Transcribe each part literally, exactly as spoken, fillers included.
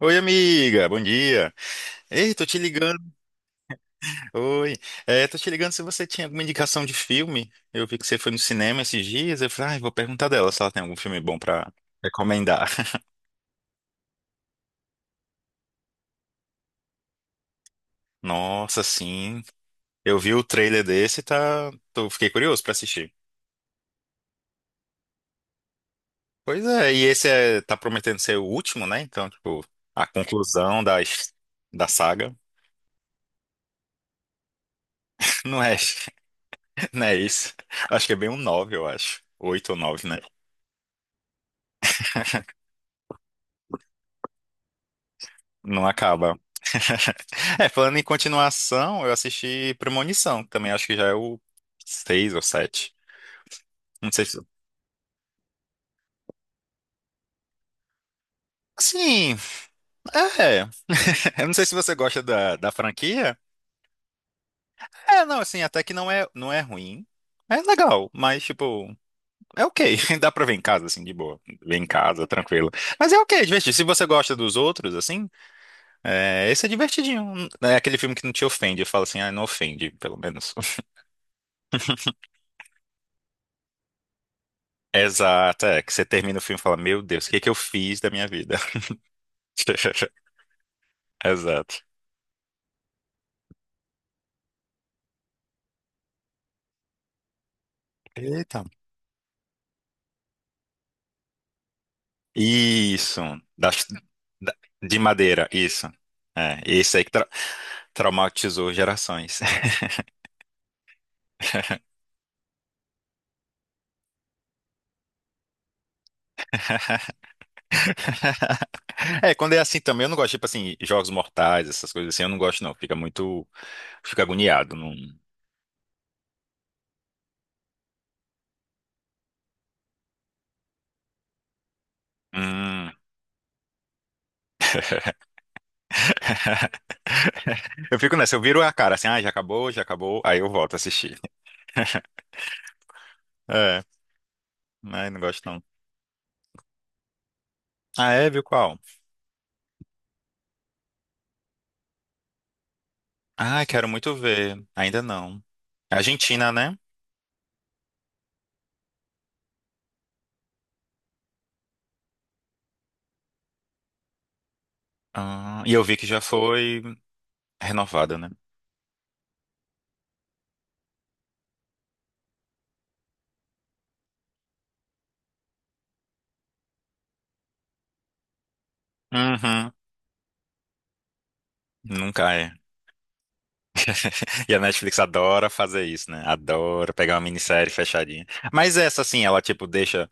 Oi, amiga, bom dia. Ei, tô te ligando. Oi. É, tô te ligando se você tinha alguma indicação de filme. Eu vi que você foi no cinema esses dias. Eu falei, ah, vou perguntar dela se ela tem algum filme bom pra recomendar. Nossa, sim. Eu vi o trailer desse e tá... tô- fiquei curioso pra assistir. Pois é, e esse é... tá prometendo ser o último, né? Então, tipo, a conclusão da, his- da saga. Não é... não é isso. Acho que é bem um nove, eu acho. Oito ou nove, né? Não acaba. É, falando em continuação, eu assisti Premonição, que também acho que já é o seis ou sete. Não sei se. Sim, é. Eu não sei se você gosta da, da franquia. É, não, assim, até que não é, não é ruim. É legal, mas, tipo, é ok. Dá pra ver em casa, assim, de boa. Ver em casa, tranquilo. Mas é ok, é divertido. Se você gosta dos outros, assim, é, esse é divertidinho. É aquele filme que não te ofende. Fala assim, ah, não ofende, pelo menos. Exato, é que você termina o filme e fala, meu Deus, o que é que eu fiz da minha vida? Exato. Eita. Isso, das- da- de madeira, isso. É, esse aí que tra- traumatizou gerações. É, quando é assim também, eu não gosto, tipo assim, jogos mortais, essas coisas assim, eu não gosto não, fica muito, fica agoniado. Não... Hum. Eu fico nessa, eu viro a cara assim, ah, já acabou, já acabou, aí eu volto a assistir. É, né, não gosto não. Ah, é, viu qual? Ah, quero muito ver. Ainda não. É Argentina, né? Ah, e eu vi que já foi renovada, né? Uhum. Nunca é. E a Netflix adora fazer isso, né? Adora pegar uma minissérie fechadinha. Mas essa, assim, ela, tipo, deixa...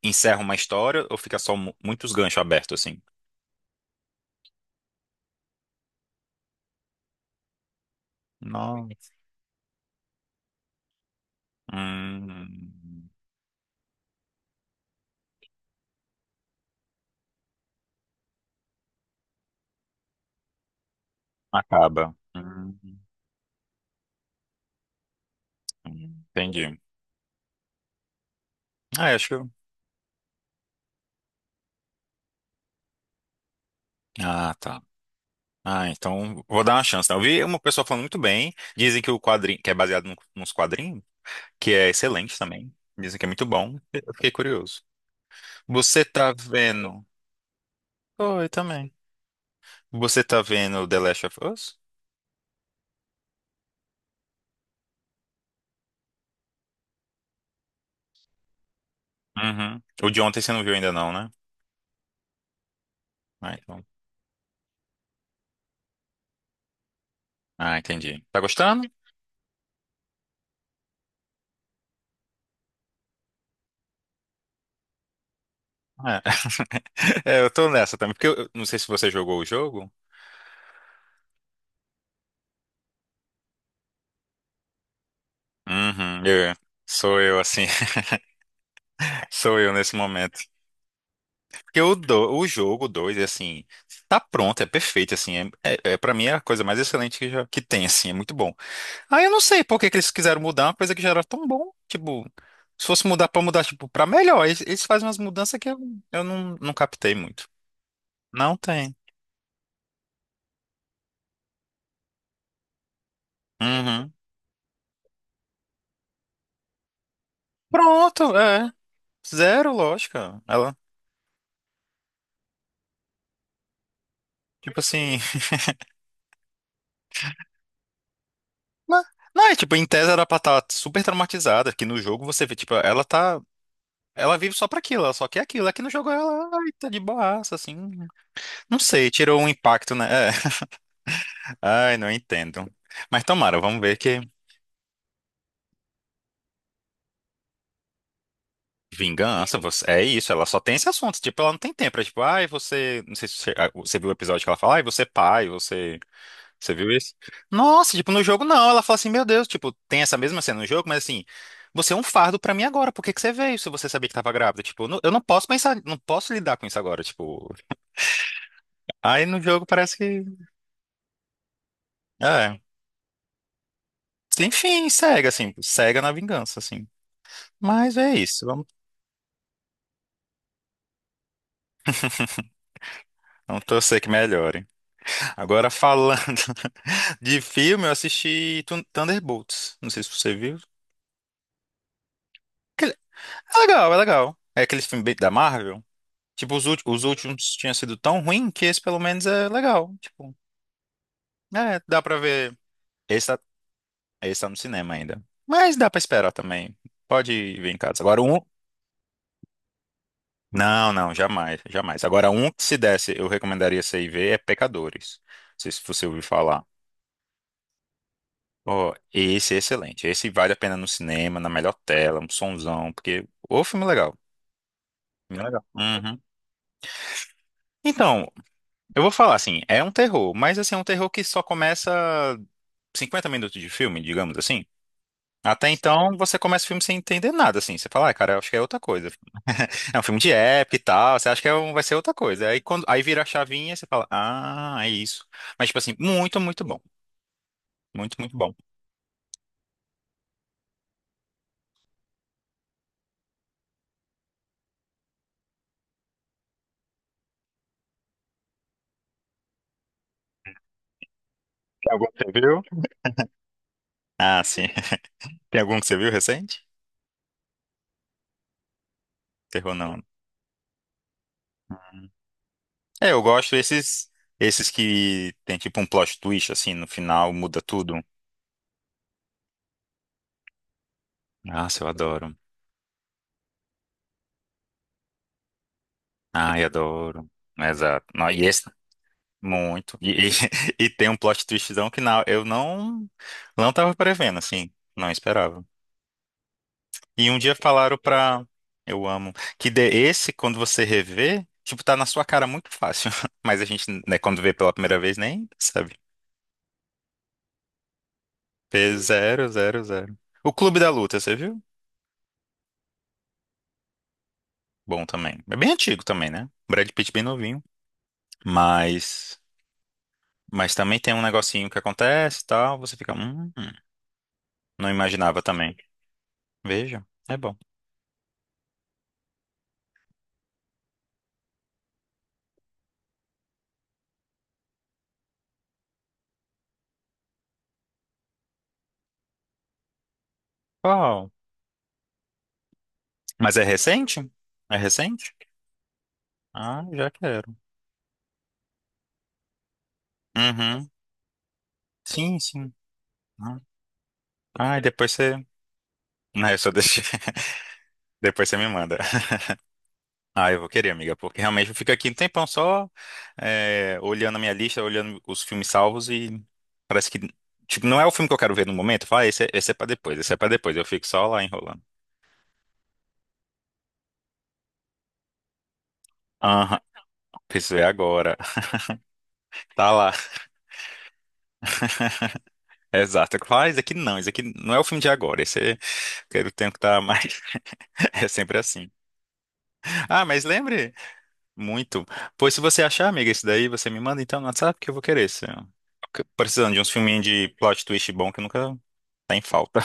encerra uma história ou fica só mu- muitos ganchos abertos, assim? Não. Hum, acaba. Hum, hum, entendi. Ah, eu acho que... eu- ah, tá. Ah, então vou dar uma chance, né? Eu vi uma pessoa falando muito bem. Dizem que o quadrinho, que é baseado no- nos quadrinhos, que é excelente também. Dizem que é muito bom. Eu fiquei curioso. Você tá vendo? Oi, também. Você tá vendo The Last of Us? Uhum. O de ontem você não viu ainda não, né? Ah, então. Ah, entendi. Tá gostando? É. É, eu tô nessa também, porque eu eu não sei se você jogou o jogo. Uhum, eu- sou eu assim, sou eu nesse momento. Porque o, do, o jogo dois assim, tá pronto, é perfeito, assim, é, é, é para mim é a coisa mais excelente que, já, que tem, assim, é muito bom. Aí eu não sei por que que eles quiseram mudar uma coisa que já era tão bom, tipo, se fosse mudar pra mudar, tipo, pra melhor, eles, eles fazem umas mudanças que eu, eu não, não captei muito. Não tem. Uhum. Pronto, é. Zero lógica. Ela, tipo assim. Não, não, é tipo, em tese era pra estar super traumatizada, que no jogo você vê, tipo, ela tá. Ela vive só pra aquilo, ela só quer aquilo. Aqui no jogo ela ai, tá de boaça, assim. Não sei, tirou um impacto, né? É. Ai, não entendo. Mas tomara, vamos ver que vingança, você... é isso, ela só tem esse assunto, tipo, ela não tem tempo, é tipo, ai, você, não sei se você, ah, você viu o episódio que ela fala, ai, você é pai, você, você viu isso? Nossa, tipo, no jogo não, ela fala assim, meu Deus, tipo, tem essa mesma cena no jogo, mas assim, você é um fardo pra mim agora, por que que você veio se você sabia que tava grávida? Tipo, não- eu não posso pensar, não posso lidar com isso agora, tipo, aí no jogo parece que, é, enfim, cega, assim, cega na vingança, assim. Mas é isso. Vamos torcer que melhore. Agora, falando de filme, eu assisti Thun- Thunderbolts. Não sei se você viu. Aquele- É legal, é legal. É aquele filme bem da Marvel. Tipo, os, ulti- os últimos tinham sido tão ruim que esse pelo menos é legal. Tipo, é, dá pra ver. Esse tá, esse tá no cinema ainda. Mas dá pra esperar também. Pode ver em casa. Agora, um. Não, não, jamais, jamais. Agora, um que se desse, eu recomendaria você ir ver é Pecadores. Não sei se você ouviu falar. Ó, esse é excelente. Esse vale a pena no cinema, na melhor tela, um sonzão, porque o filme é legal. Filme é legal. Uhum. Então, eu vou falar assim, é um terror, mas assim, é um terror que só começa cinquenta minutos de filme, digamos assim. Até então, você começa o filme sem entender nada, assim. Você fala, ah, cara, eu acho que é outra coisa. É um filme de época e tal, você acha que é um- vai ser outra coisa. Aí, quando, aí vira a chavinha, você fala, ah, é isso. Mas, tipo assim, muito, muito bom. Muito, muito bom. Tem algum que você viu? Ah, sim. Tem algum que você viu recente? Terror não, né? É, eu gosto esses esses que tem tipo um plot twist assim no final, muda tudo. Nossa, eu adoro. Ai, adoro. Exato. Não, e esse muito. E, e, e tem um plot twistzão que não, eu não não tava prevendo assim, não esperava. E um dia falaram pra eu amo que dê esse quando você rever, tipo tá na sua cara muito fácil, mas a gente, né, quando vê pela primeira vez nem sabe. P zero zero zero. O Clube da Luta, você viu? Bom também. É bem antigo também, né? Brad Pitt bem novinho. Mas, mas também tem um negocinho que acontece e tal. Você fica. Hum, hum." não imaginava também. Veja, é bom. Qual? Mas é recente? É recente? Ah, já quero. Uhum. Sim, sim. Ah, ah, e depois você. Não, eu só deixei. Depois você me manda. Ah, eu vou querer, amiga, porque realmente eu fico aqui um tempão só é, olhando a minha lista, olhando os filmes salvos e parece que, tipo, não é o filme que eu quero ver no momento. Fala, ah, esse, é- esse é pra depois, esse é pra depois. Eu fico só lá enrolando. Aham, preciso ver agora. Tá lá, exato. Eu falo, ah, esse aqui não, esse aqui não é o filme de agora. Esse é, quero tempo que tá mais. É sempre assim. Ah, mas lembre muito. Pois se você achar, amiga, esse daí, você me manda então no WhatsApp que eu vou querer. Se- Precisando de uns filminhos de plot twist bom que nunca tá em falta.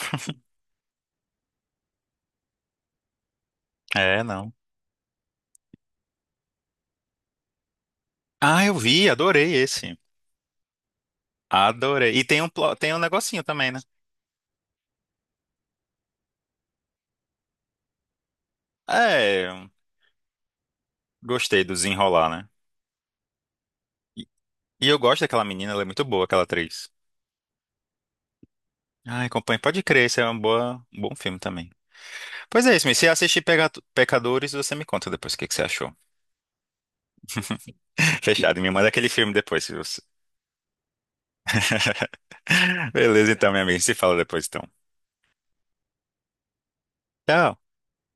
É, não. Ah, eu vi, adorei esse. Adorei. E tem um, plo- tem um negocinho também, né? É, gostei do desenrolar, né? E, e eu gosto daquela menina, ela é muito boa, aquela atriz. Ai, companhia, pode crer, esse é um, boa, um bom filme também. Pois é isso, mas se assistir Pega- Pecadores, você me conta depois o que, que você achou. Fechado, me manda aquele filme depois. Se você... Beleza, então, minha amiga, se fala depois, então. Tchau.